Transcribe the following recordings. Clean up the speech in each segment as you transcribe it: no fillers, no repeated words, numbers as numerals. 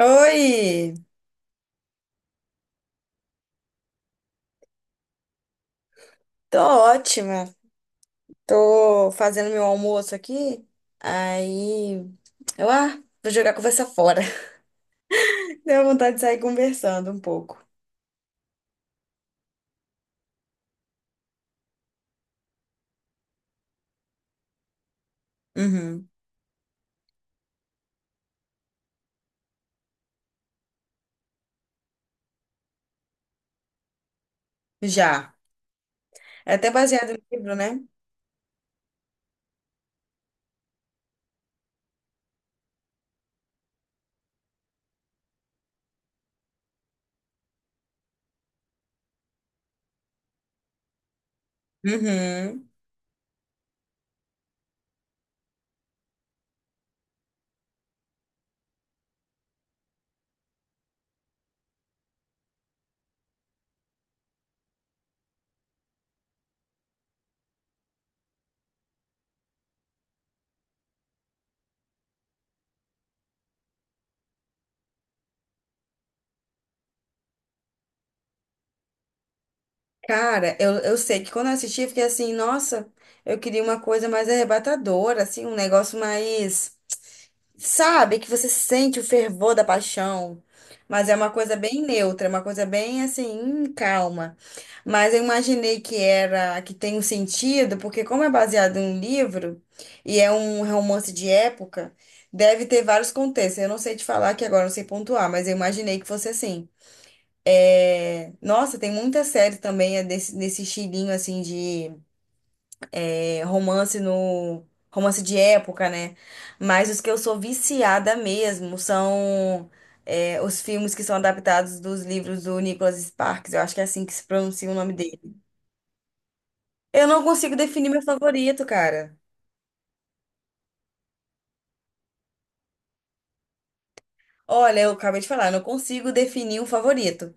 Oi, tô ótima. Tô fazendo meu almoço aqui. Aí, eu, ah, vou jogar a conversa fora. Deu vontade de sair conversando um pouco. Uhum. Já. É até baseado no livro, né? Uhum. Cara, eu sei que quando eu assisti, eu fiquei assim, nossa, eu queria uma coisa mais arrebatadora, assim, um negócio mais. Sabe que você sente o fervor da paixão, mas é uma coisa bem neutra, é uma coisa bem assim, calma. Mas eu imaginei que era, que tem um sentido, porque como é baseado em um livro e é um romance de época, deve ter vários contextos. Eu não sei te falar aqui agora, não sei pontuar, mas eu imaginei que fosse assim. É, nossa, tem muita série também é desse, nesse estilinho assim de é, romance no romance de época, né? Mas os que eu sou viciada mesmo são é, os filmes que são adaptados dos livros do Nicholas Sparks. Eu acho que é assim que se pronuncia o nome dele. Eu não consigo definir meu favorito, cara. Olha, eu acabei de falar, eu não consigo definir um favorito.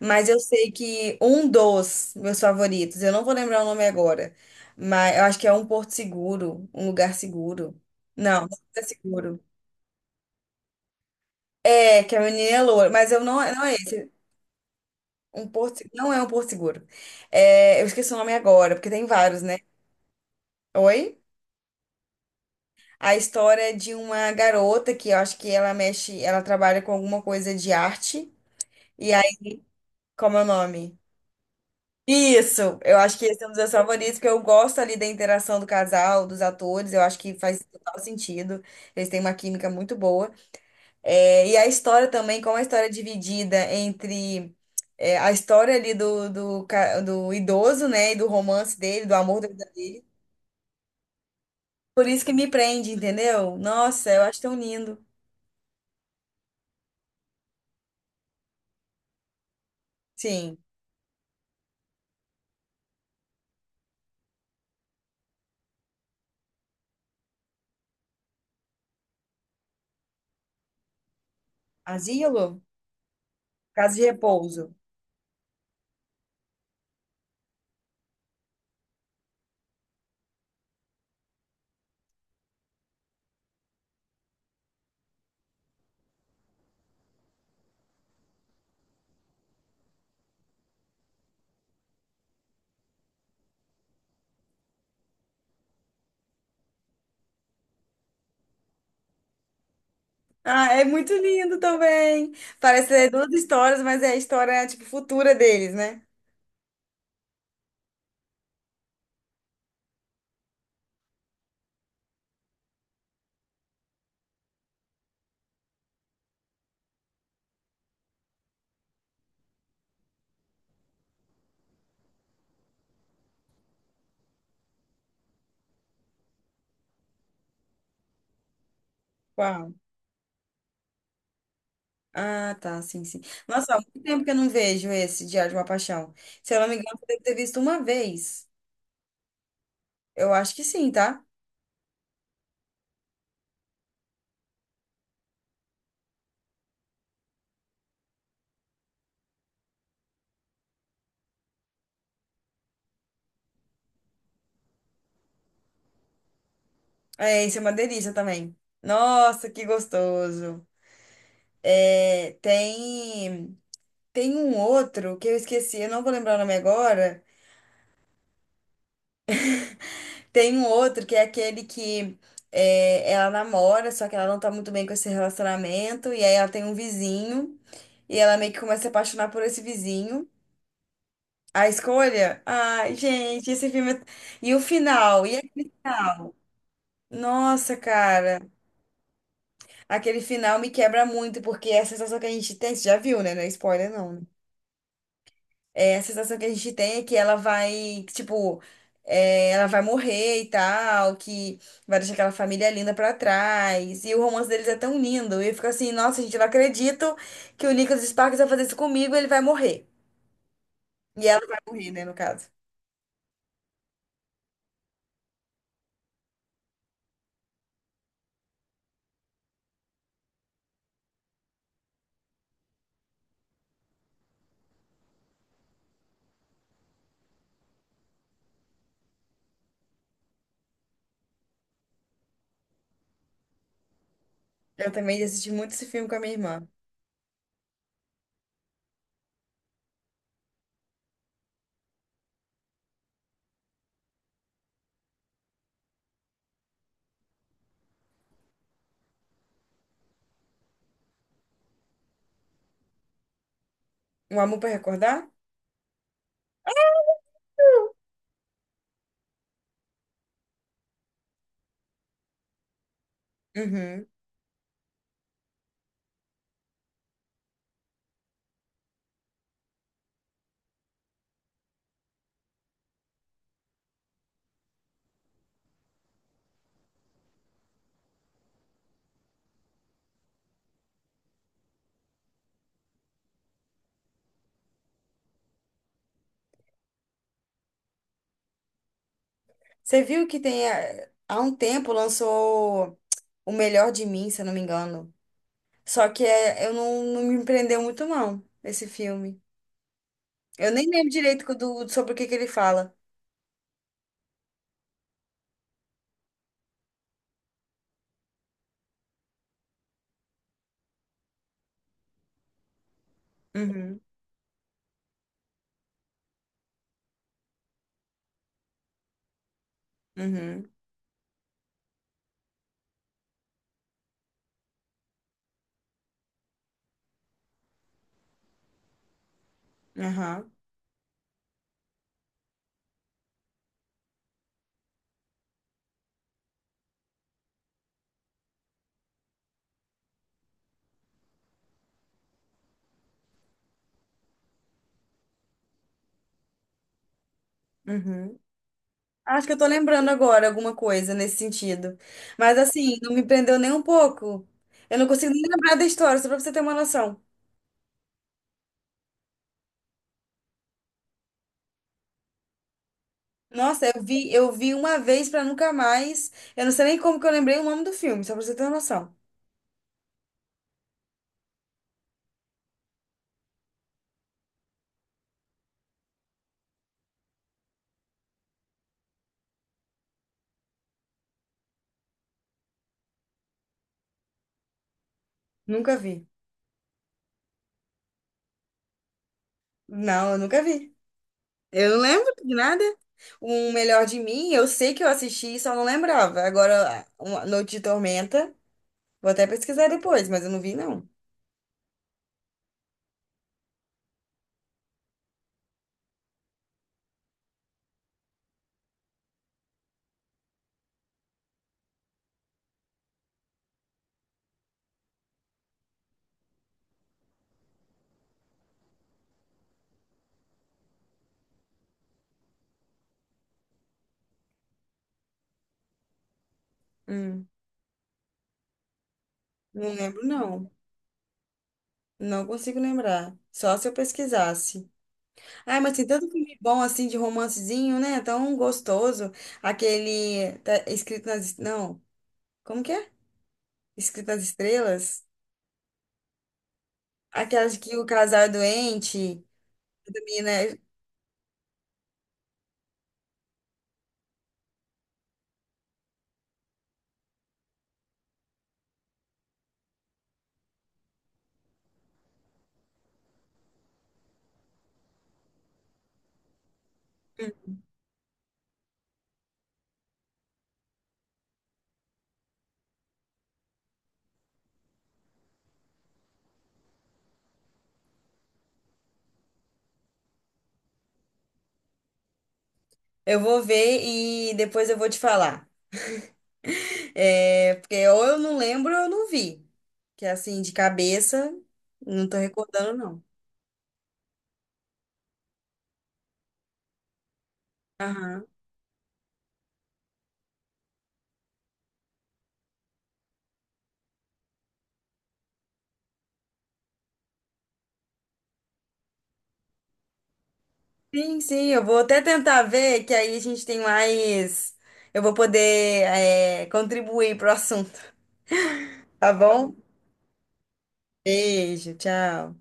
Mas eu sei que um dos meus favoritos, eu não vou lembrar o nome agora, mas eu acho que é um Porto Seguro, um lugar seguro. Não, não é seguro. É, que é a menina é loura, mas eu não, não é esse. Um porto, se- não é um Porto Seguro. É, eu esqueci o nome agora, porque tem vários, né? Oi? A história é de uma garota que eu acho que ela mexe, ela trabalha com alguma coisa de arte. E aí, como é o nome? Isso! Eu acho que esse é um dos meus favoritos, porque eu gosto ali da interação do casal, dos atores, eu acho que faz total sentido. Eles têm uma química muito boa. É, e a história também, como a história é dividida entre é, a história ali do, do, ca- do idoso, né? E do romance dele, do amor da vida dele. Por isso que me prende, entendeu? Nossa, eu acho tão lindo. Sim. Asilo? Casa de repouso. Ah, é muito lindo também. Parece ser duas histórias, mas é a história, tipo, futura deles, né? Uau. Ah, tá, sim, sim. Nossa, há muito tempo que eu não vejo esse Diário de uma Paixão. Se eu não me engano, eu devo ter visto uma vez. Eu acho que sim, tá? É, isso é uma delícia também. Nossa, que gostoso. É, tem, tem um outro que eu esqueci, eu não vou lembrar o nome agora. Tem um outro que é aquele que é, ela namora, só que ela não tá muito bem com esse relacionamento, e aí ela tem um vizinho, e ela meio que começa a se apaixonar por esse vizinho. A Escolha? Ai, gente, esse filme. É- E o final? E aquele final? Nossa, cara. Aquele final me quebra muito, porque é a sensação que a gente tem. Você já viu, né? Não é spoiler, não, né? É, a sensação que a gente tem é que ela vai, que, tipo, é, ela vai morrer e tal, que vai deixar aquela família linda pra trás. E o romance deles é tão lindo. E eu fico assim, nossa, gente, eu não acredito que o Nicholas Sparks vai fazer isso comigo, ele vai morrer. E ela vai morrer, né, no caso. Eu também assisti muito esse filme com a minha irmã. Um Amor pra Recordar? Uhum. Você viu que tem, há um tempo lançou O Melhor de Mim, se eu não me engano. Só que eu não, não me prendeu muito, não, esse filme. Eu nem lembro direito co- do, sobre o que que ele fala. Uhum, uhum, aham, uhum. Acho que eu tô lembrando agora alguma coisa nesse sentido. Mas assim, não me prendeu nem um pouco. Eu não consigo nem lembrar da história, só pra você ter uma noção. Nossa, eu vi uma vez pra nunca mais. Eu não sei nem como que eu lembrei o nome do filme, só pra você ter uma noção. Nunca vi. Não, eu nunca vi. Eu não lembro de nada. O Melhor de Mim, eu sei que eu assisti, só não lembrava. Agora, uma Noite de Tormenta. Vou até pesquisar depois, mas eu não vi, não. Hum. Não lembro, não. Não consigo lembrar. Só se eu pesquisasse. Ai, mas tem tanto filme bom assim de romancezinho, né? Tão gostoso. Aquele tá escrito nas. Não. Como que é? Escrito nas Estrelas. Aquelas que o casal é doente. Também, né? Eu vou ver e depois eu vou te falar. É, porque ou eu não lembro ou eu não vi. Que assim, de cabeça, não tô recordando, não. Aham. Sim, sim, eu vou até tentar ver, que aí a gente tem mais. Eu vou poder, é, contribuir pro assunto, tá bom? Beijo, tchau.